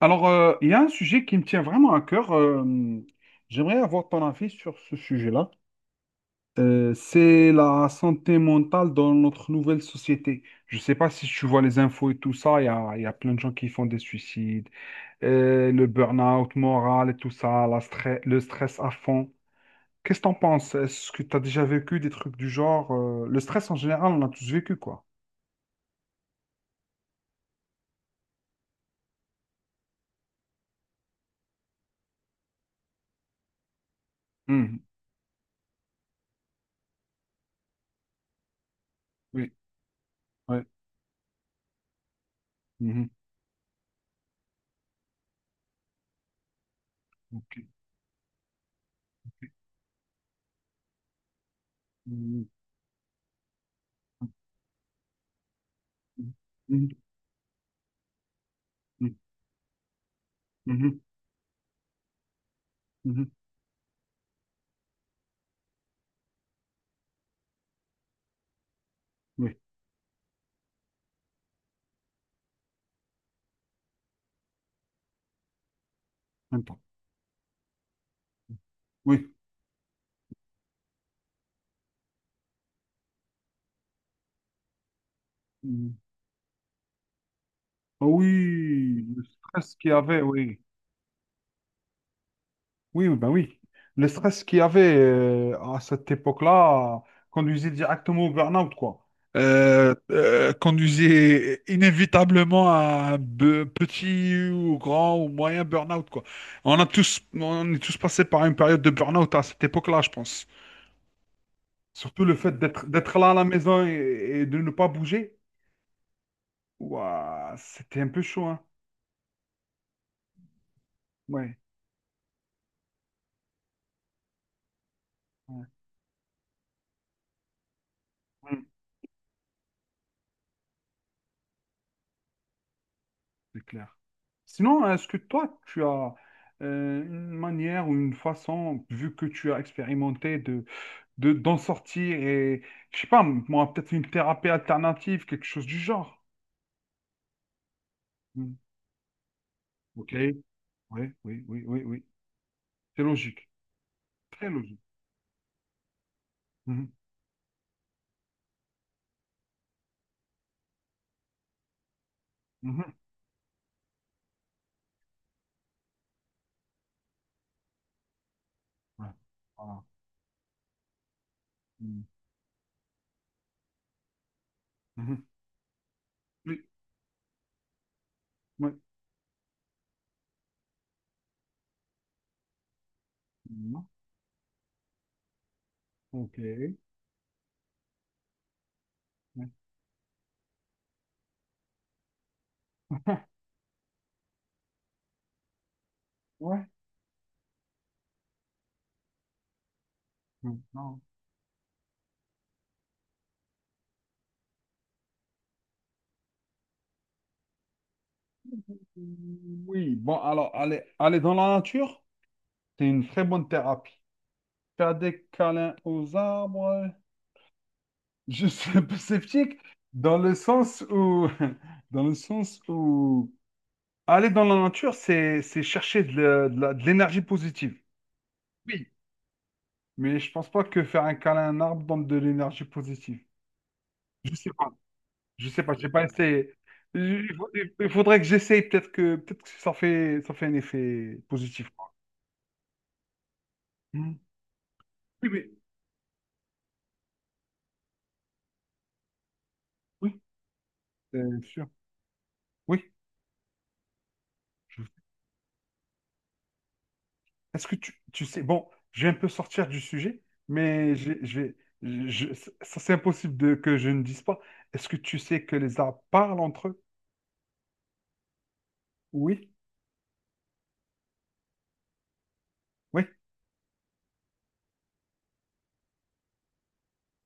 Il y a un sujet qui me tient vraiment à cœur. J'aimerais avoir ton avis sur ce sujet-là. C'est la santé mentale dans notre nouvelle société. Je ne sais pas si tu vois les infos et tout ça. Il y a plein de gens qui font des suicides, le burn-out moral et tout ça, le stress à fond. Qu'est-ce que t'en penses? Est-ce que tu as déjà vécu des trucs du genre? Le stress en général, on l'a tous vécu, quoi. Mhm. Oui, ouais. Mhm. Ok. Mhm. Mhm. Mhm. Mhm. Mhm. Oui, même temps. Oui. Mm. Ah oui, le stress qu'il y avait, oui. Oui, oui, ben oui. Le stress qu'il y avait à cette époque-là conduisait directement au burn-out, quoi. Conduisait inévitablement à un petit ou grand ou moyen burn-out, quoi. On est tous passés par une période de burn-out à cette époque-là, je pense. Surtout le fait d'être là à la maison et de ne pas bouger, ouah, c'était un peu chaud, hein. Ouais. Ouais. Mm. C'est clair. Sinon, est-ce que toi, tu as une manière ou une façon, vu que tu as expérimenté, d'en sortir et, je sais pas, moi, peut-être une thérapie alternative, quelque chose du genre. Hmm. Ok. Oui, oui, oui, oui, oui. C'est logique. Très logique. Mhm. Mhm. Ouais. Voilà. Hmm. Mhm. Oui, oui. Non. Ok. Ouais. Hmm. Non. Oui, bon, alors, aller dans la nature, c'est une très bonne thérapie. Cadet câlin aux arbres. Je suis sceptique dans le sens où, dans le sens où aller dans la nature, c'est chercher de l'énergie positive. Oui. Mais je pense pas que faire un câlin à un arbre donne de l'énergie positive. Je sais pas. Je sais pas. J'ai pas essayé. Il faut- il faudrait que j'essaye. Peut-être que ça fait un effet positif. Quoi. Hmm. Oui, mais oui, c'est sûr. Oui. Tu sais, bon, je vais un peu sortir du sujet, mais je vais, je- ça c'est impossible de, que je ne dise pas. Est-ce que tu sais que les arbres parlent entre eux? Oui, oui,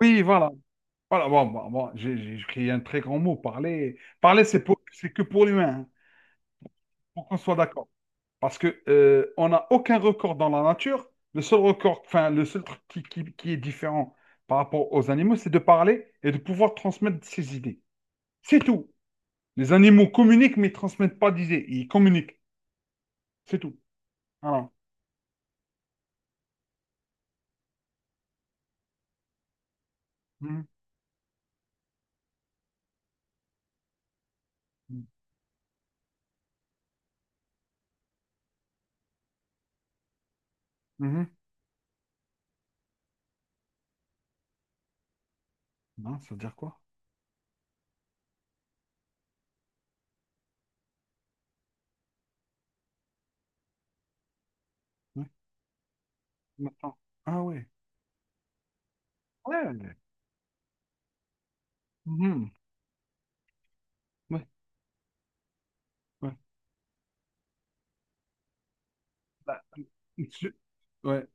oui, voilà. Voilà, bon, bon, bon, j'ai écrit un très grand mot, parler. Parler, c'est que pour l'humain, hein, pour qu'on soit d'accord. Parce que on n'a aucun record dans la nature. Le seul record, enfin, le seul truc qui est différent par rapport aux animaux, c'est de parler et de pouvoir transmettre ses idées. C'est tout. Les animaux communiquent, mais ne transmettent pas d'idées. Ils communiquent. C'est tout. Voilà. Mhm. Mhm. Non, ça veut dire quoi? Ouais. Maintenant. Ah ouais. Ouais. Mhm. Ouais. Ouais. Bah, sur... ouais.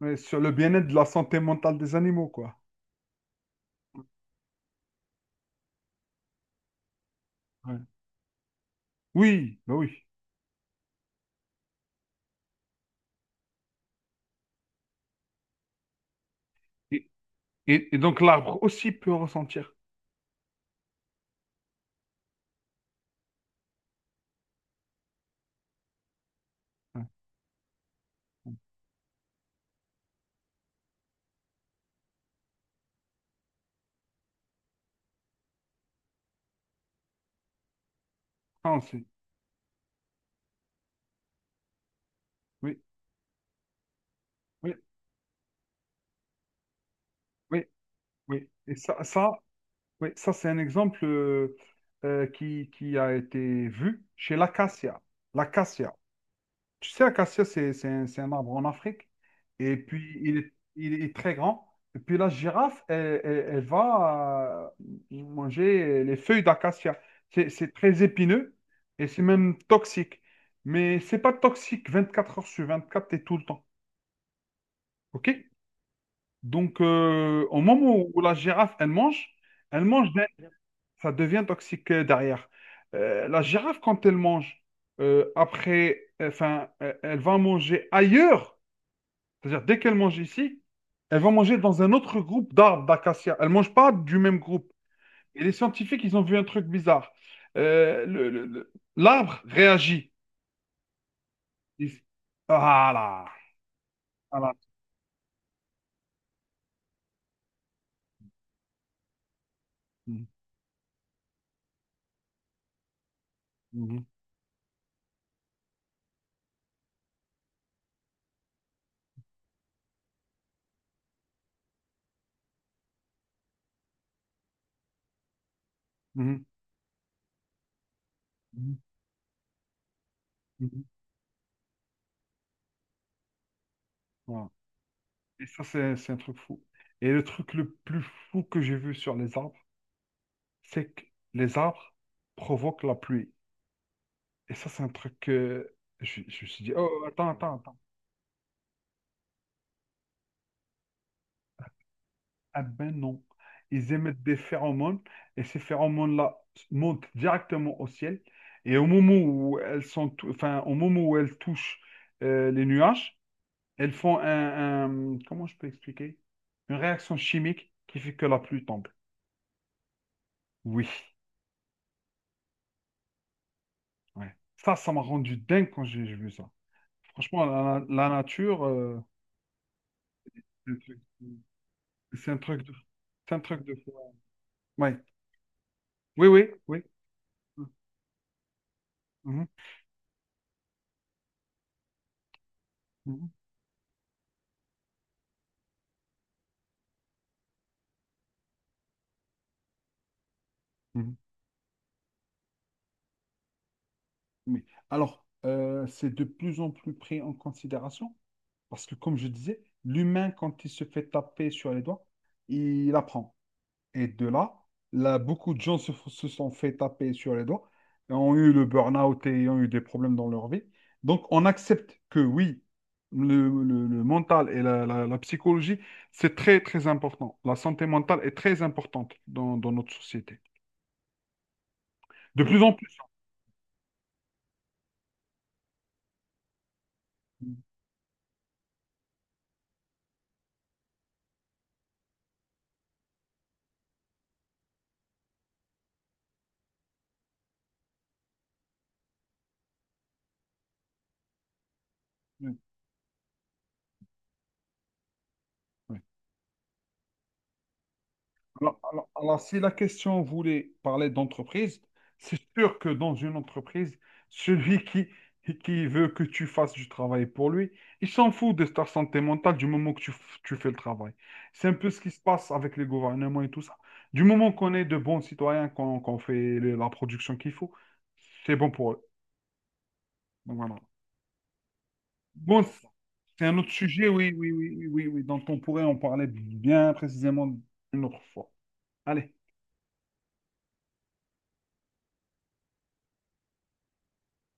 Ouais, sur le bien-être de la santé mentale des animaux, quoi. Ouais. Oui, bah oui. Et, et donc l'arbre aussi peut ressentir. Ouais. Ah, on sait. Oui, oui, oui, oui. Et ça, oui, ça c'est un exemple qui a été vu chez l'acacia. L'acacia. Tu sais, acacia, c'est un arbre en Afrique. Et puis, il est très grand. Et puis, la girafe, elle, elle- elle va manger les feuilles d'acacia. C'est très épineux et c'est même toxique. Mais c'est pas toxique 24 heures sur 24 et tout le temps. OK? Donc, au moment où la girafe, elle mange, elle mange, d'un- ça devient toxique derrière. La girafe, quand elle mange, elle va manger ailleurs, c'est-à-dire, dès qu'elles mangent ici, elles vont manger dans un autre groupe d'arbres d'acacia. Elles ne mangent pas du même groupe. Et les scientifiques, ils ont vu un truc bizarre. L'arbre réagit. Ils- Voilà. Voilà. Mhm, mhm, mhm, mhm, mhm. Voilà. Et ça, c'est un truc fou. Et le truc le plus fou que j'ai vu sur les arbres, c'est que les arbres provoquent la pluie. Et ça, c'est un truc que je me suis dit, oh, attends, attends, attends. Ah ben non. Ils émettent des phéromones et ces phéromones-là montent directement au ciel. Et au moment où elles sont, tou- enfin, au moment où elles touchent les nuages, elles font comment je peux expliquer? Une réaction chimique qui fait que la pluie tombe. Oui, ouais. Ça m'a rendu dingue quand j'ai vu ça. Franchement, la nature, c'est un truc c'est un truc de fou. Ouais. Ouais. Oui, oui, oui. Mhm, mhm, mhm. Mais alors, c'est de plus en plus pris en considération parce que, comme je disais, l'humain, quand il se fait taper sur les doigts, il apprend. Et de là, là, beaucoup de gens se sont fait taper sur les doigts, et ont eu le burn-out et ont eu des problèmes dans leur vie. Donc, on accepte que oui, le mental et la psychologie, c'est très, très important. La santé mentale est très importante dans, dans notre société. De plus en plus. Oui. Oui. Alors, si la question voulait parler d'entreprise, c'est sûr que dans une entreprise, celui qui, qui veut que tu fasses du travail pour lui, il s'en fout de ta santé mentale du moment que tu fais le travail. C'est un peu ce qui se passe avec les gouvernements et tout ça. Du moment qu'on est de bons citoyens, qu'on fait la production qu'il faut, c'est bon pour eux. Donc voilà. Bon, c- c'est un autre sujet, oui, oui, oui, oui, oui, oui, dont on pourrait en parler bien précisément une autre fois. Allez.